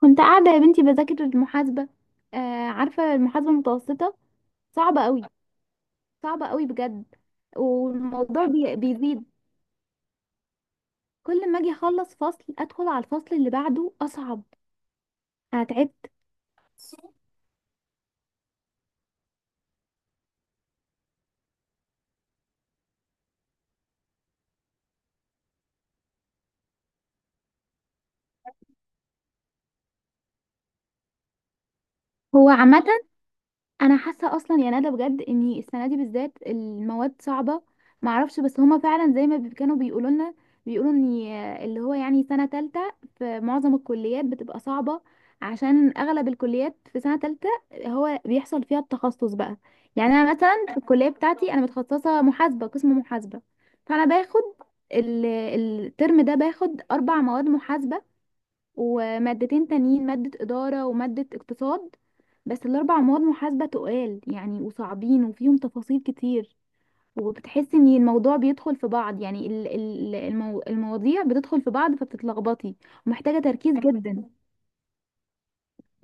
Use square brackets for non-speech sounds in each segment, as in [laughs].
كنت قاعدة يا بنتي بذاكر المحاسبة. آه، عارفة المحاسبة المتوسطة؟ صعبة قوي. صعبة قوي بجد. والموضوع بيزيد. كل ما اجي اخلص فصل ادخل على الفصل اللي بعده اصعب. انا تعبت. هو عامة انا حاسه اصلا، يعني انا بجد ان السنه دي بالذات المواد صعبه. معرفش، بس هما فعلا زي ما كانوا بيقولوا لنا. بيقولوا ان اللي هو يعني سنه تالتة في معظم الكليات بتبقى صعبه، عشان اغلب الكليات في سنه تالتة هو بيحصل فيها التخصص بقى. يعني انا مثلا في الكليه بتاعتي انا متخصصه محاسبه، قسم محاسبه. فانا باخد ال- الترم ده باخد اربع مواد محاسبه، ومادتين تانيين: مادة إدارة ومادة اقتصاد. بس الأربع مواد محاسبة تقال يعني، وصعبين، وفيهم تفاصيل كتير. وبتحسي ان الموضوع بيدخل في بعض، يعني المواضيع بتدخل في بعض فبتتلخبطي. ومحتاجة تركيز جدا.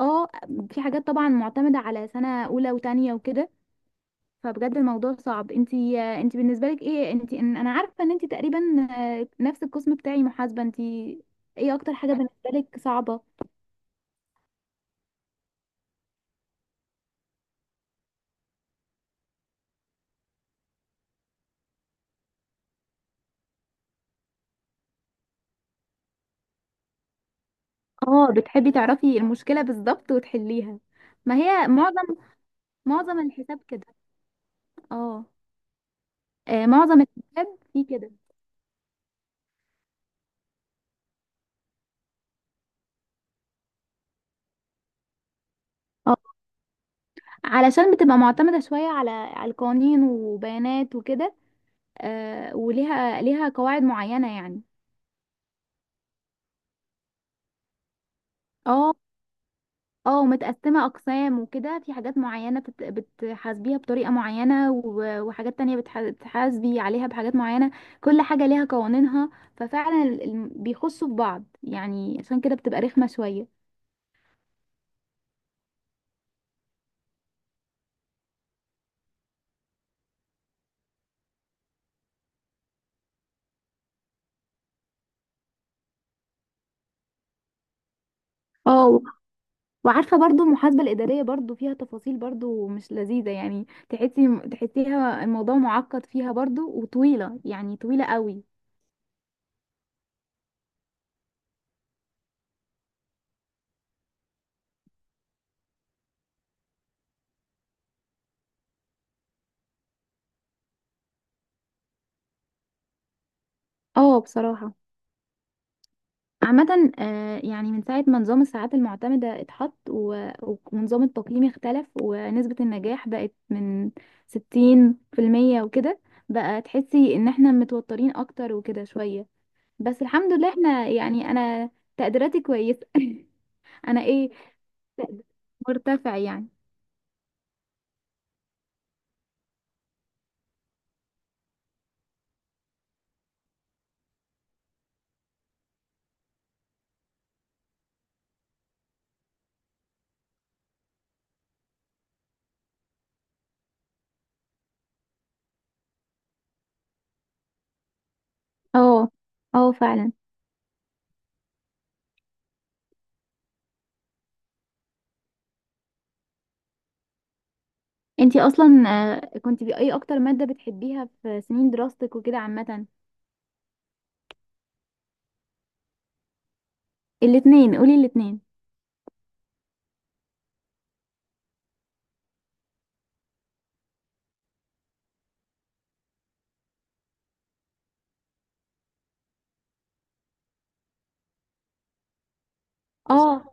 اه، في حاجات طبعا معتمدة على سنة أولى وتانية وكده. فبجد الموضوع صعب. انتي بالنسبة لك ايه؟ انتي انا عارفة ان انتي تقريبا آه، نفس القسم بتاعي، محاسبة انتي. ايه اكتر حاجة بالنسبة لك صعبة؟ اه، بتحبي تعرفي المشكلة بالظبط وتحليها. ما هي معظم الحساب كده. اه، آه، معظم الحساب فيه كده. اه، علشان بتبقى معتمدة شوية على على القوانين وبيانات وكده. آه، وليها قواعد معينة يعني. اه. اه، متقسمة أقسام وكده. في حاجات معينة بتحاسبيها بطريقة معينة، وحاجات تانية بتحاسبي عليها بحاجات معينة. كل حاجة ليها قوانينها. ففعلا بيخشوا في بعض يعني، عشان كده بتبقى رخمة شوية. اه وعارفه برضو المحاسبه الاداريه برضو فيها تفاصيل برضو مش لذيذه، يعني تحسيها الموضوع معقد فيها برضو وطويله، يعني طويله قوي. اه بصراحه. عامه آه، يعني من ساعه ما نظام الساعات المعتمده اتحط ونظام التقييم اختلف ونسبه النجاح بقت من 60% وكده، بقى تحسي ان احنا متوترين اكتر وكده شويه. بس الحمد لله احنا يعني انا تقديراتي كويسه [laughs] انا ايه، مرتفع يعني. اه. اه فعلا. انتي اصلا آه، كنتي باي اكتر مادة بتحبيها في سنين دراستك وكده عامة؟ الاتنين، قولي الاتنين. اه.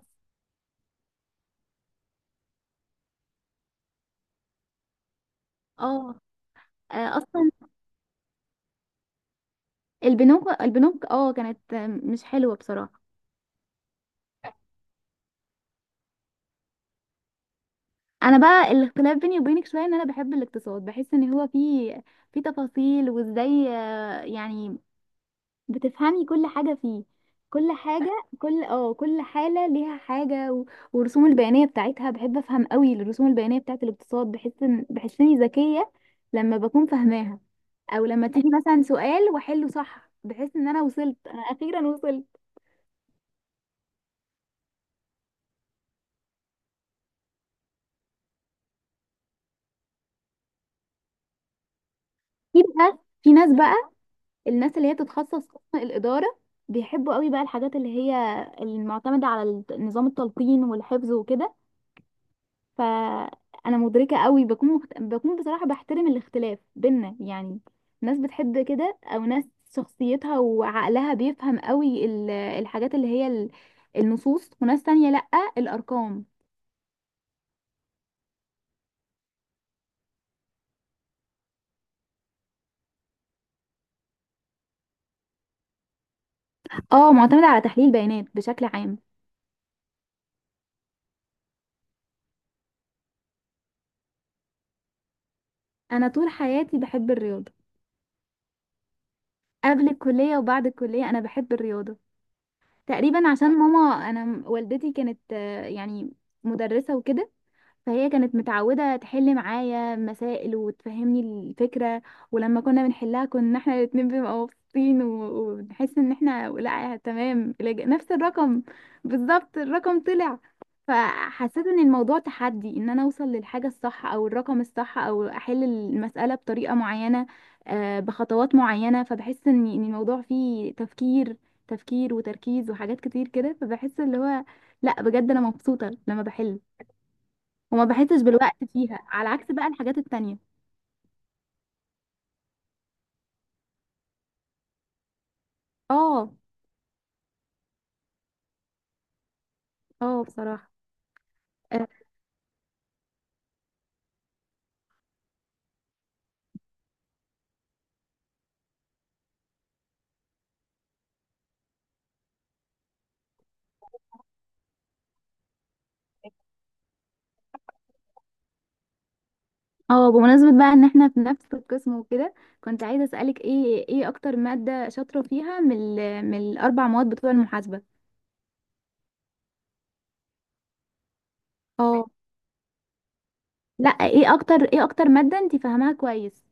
اه آه، اصلا البنوك اه كانت آه، مش حلوة بصراحة. انا بقى الاختلاف بيني وبينك شوية ان انا بحب الاقتصاد. بحس ان هو فيه في تفاصيل، وازاي آه، يعني بتفهمي كل حاجة فيه. كل حاجة، كل اه كل حالة ليها حاجة والرسوم البيانية بتاعتها بحب افهم قوي الرسوم البيانية بتاعت الاقتصاد. بحس اني ذكية لما بكون فاهماها. او لما تيجي مثلا سؤال واحله صح بحس ان انا اخيرا وصلت. في بقى في ناس بقى، الناس اللي هي بتتخصص قسم الإدارة بيحبوا قوي بقى الحاجات اللي هي المعتمدة على نظام التلقين والحفظ وكده. فانا مدركه قوي، بكون بصراحه بحترم الاختلاف بينا يعني. ناس بتحب كده او ناس شخصيتها وعقلها بيفهم قوي الحاجات اللي هي النصوص، وناس تانية لأ، الأرقام. اه، معتمدة على تحليل بيانات بشكل عام. أنا طول حياتي بحب الرياضة. قبل الكلية وبعد الكلية أنا بحب الرياضة. تقريبا عشان ماما، أنا والدتي كانت آه، يعني مدرسة وكده، فهي كانت متعودة تحل معايا مسائل وتفهمني الفكرة. ولما كنا بنحلها كنا احنا الاتنين بنبقى مبسوطين ونحس ان احنا، لا تمام نفس الرقم بالظبط، الرقم طلع. فحسيت ان الموضوع تحدي، ان انا اوصل للحاجة الصح او الرقم الصح او احل المسألة بطريقة معينة، آه، بخطوات معينة. فبحس ان إن الموضوع فيه تفكير، تفكير وتركيز وحاجات كتير كده. فبحس اللي هو، لا بجد انا مبسوطة لما بحل، وما بحسش بالوقت فيها، على عكس بقى الحاجات التانية. اه. اه بصراحة. اه آه، بمناسبة بقى ان احنا في نفس القسم وكده، كنت عايزة اسألك ايه، ايه اكتر مادة شاطرة فيها من من الاربع مواد بتوع المحاسبة؟ اه لا، ايه اكتر مادة انت فاهماها كويس؟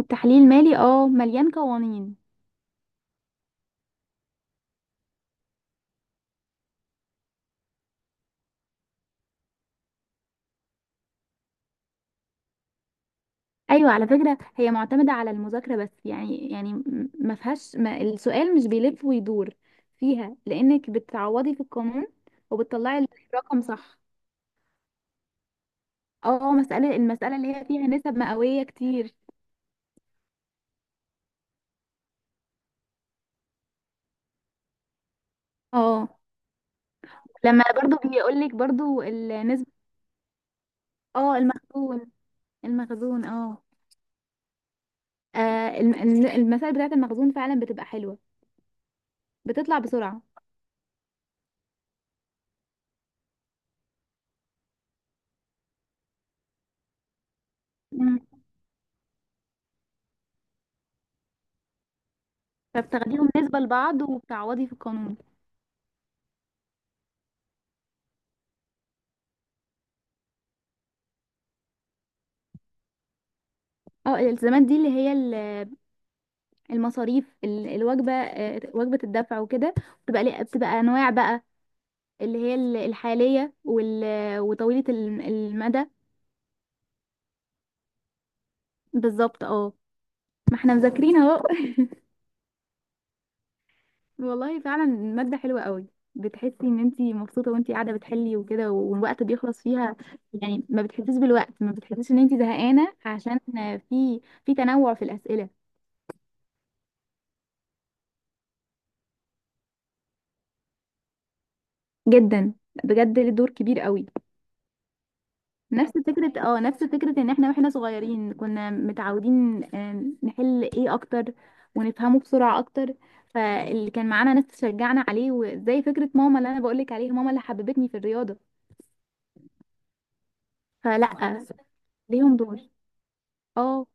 التحليل المالي اه مليان قوانين. ايوه على فكرة هي معتمدة على المذاكرة بس يعني، يعني م- ما فيهاش ما السؤال مش بيلف ويدور فيها، لانك بتعوضي في القانون وبتطلعي الرقم صح. اه، المسألة اللي هي فيها نسب مئوية كتير. اه، لما برضو بيقولك برضو النسبة. اه المخزون. المخزون اه. آه، المسائل بتاعة المخزون فعلا بتبقى حلوة، بتطلع بسرعة. مم. فبتاخديهم نسبة لبعض وبتعوضي في القانون. اه الالتزامات دي اللي هي المصاريف، الوجبة آه، وجبة الدفع وكده. بتبقى أنواع بقى، اللي هي الحالية، وطويلة المدى. بالظبط اه. ما احنا مذاكرين اهو. والله فعلا مادة حلوة قوي. بتحسي ان انتي مبسوطة وانتي قاعدة بتحلي وكده والوقت بيخلص فيها. يعني ما بتحسيش بالوقت، ما بتحسيش ان انتي زهقانة، عشان في تنوع في الأسئلة. جدا، بجد له دور كبير قوي. نفس فكرة، اه نفس فكرة ان احنا واحنا صغيرين كنا متعودين آم، نحل ايه اكتر ونفهمه بسرعة اكتر. فاللي كان معانا ناس تشجعنا عليه، وزي فكرة ماما اللي انا بقولك عليها، ماما اللي حببتني في الرياضة. فلا، ليهم دور. اه.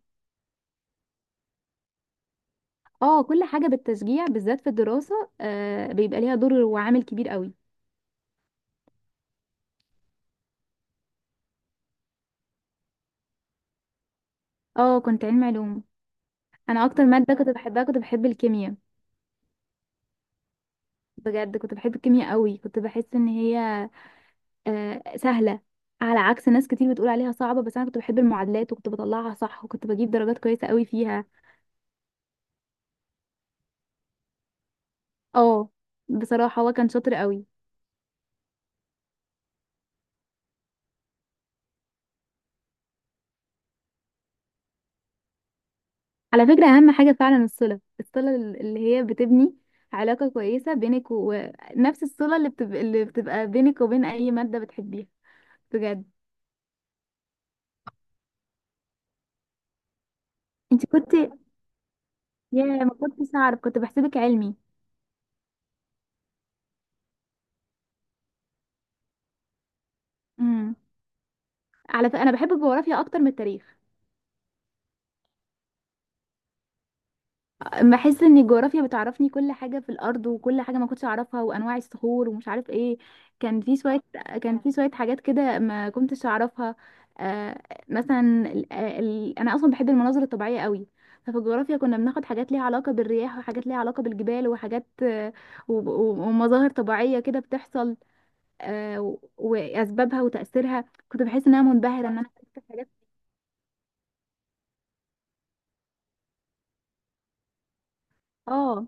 اه كل حاجة بالتشجيع بالذات في الدراسة آه بيبقى ليها دور وعامل كبير قوي. اه، كنت علم علوم. انا اكتر مادة كنت بحبها كنت بحب الكيمياء. بجد كنت بحب الكيمياء قوي، كنت بحس ان هي آه سهلة، على عكس ناس كتير بتقول عليها صعبة. بس انا كنت بحب المعادلات وكنت بطلعها صح وكنت بجيب درجات كويسة قوي فيها. اه بصراحة هو كان شاطر قوي. على فكرة اهم حاجة فعلا الصلة، الصلة اللي هي بتبني علاقة كويسة بينك، ونفس الصلة اللي بتبقى بينك وبين اي مادة بتحبيها، بجد. انت كنت، يا ما كنتش اعرف، كنت بحسبك علمي. امم، على فكره انا بحب الجغرافيا اكتر من التاريخ. بحس ان الجغرافيا بتعرفني كل حاجه في الارض، وكل حاجه ما كنتش اعرفها، وانواع الصخور ومش عارف ايه. كان في شويه كان في شويه حاجات كده ما كنتش اعرفها. آه، مثلا انا اصلا بحب المناظر الطبيعيه قوي. ففي الجغرافيا كنا بناخد حاجات ليها علاقه بالرياح، وحاجات ليها علاقه بالجبال، وحاجات آه، ومظاهر طبيعيه كده بتحصل، آه، واسبابها وتاثيرها. كنت بحس ان انا منبهره ان انا عرفت حاجات. اه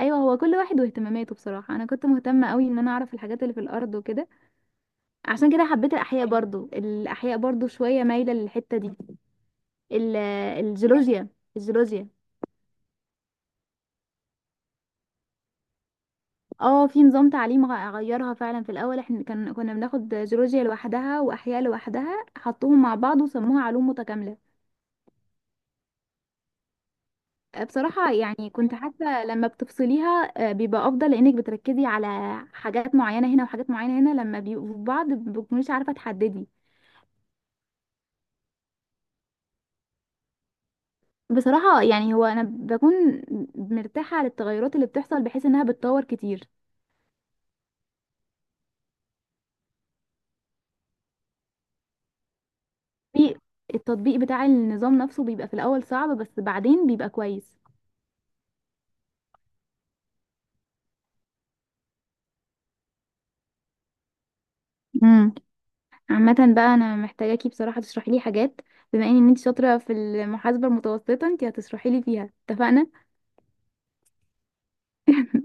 ايوه، هو كل واحد واهتماماته. بصراحه انا كنت مهتمه قوي ان انا اعرف الحاجات اللي في الارض وكده. عشان كده حبيت الاحياء برضو، الاحياء برضو شويه مايله للحته دي. ال- الجيولوجيا، الجيولوجيا. اه، في نظام تعليم غيرها فعلا. في الاول احنا كان كنا بناخد جيولوجيا لوحدها واحياء لوحدها، حطوهم مع بعض وسموها علوم متكامله. بصراحة يعني كنت حاسة لما بتفصليها آه، بيبقى أفضل، لأنك بتركزي على حاجات معينة هنا وحاجات معينة هنا. لما بيبقوا في بعض مبتكونيش عارفة تحددي. بصراحة يعني هو أنا بكون مرتاحة للتغيرات اللي بتحصل، بحيث إنها بتطور كتير. في التطبيق بتاع النظام نفسه بيبقى في الأول صعب، بس بعدين بيبقى كويس. امم. عامة بقى أنا محتاجاكي بصراحة تشرحي لي حاجات. بما إن أنت شاطرة في المحاسبة المتوسطة، أنت هتشرحي لي فيها، اتفقنا. [laughs]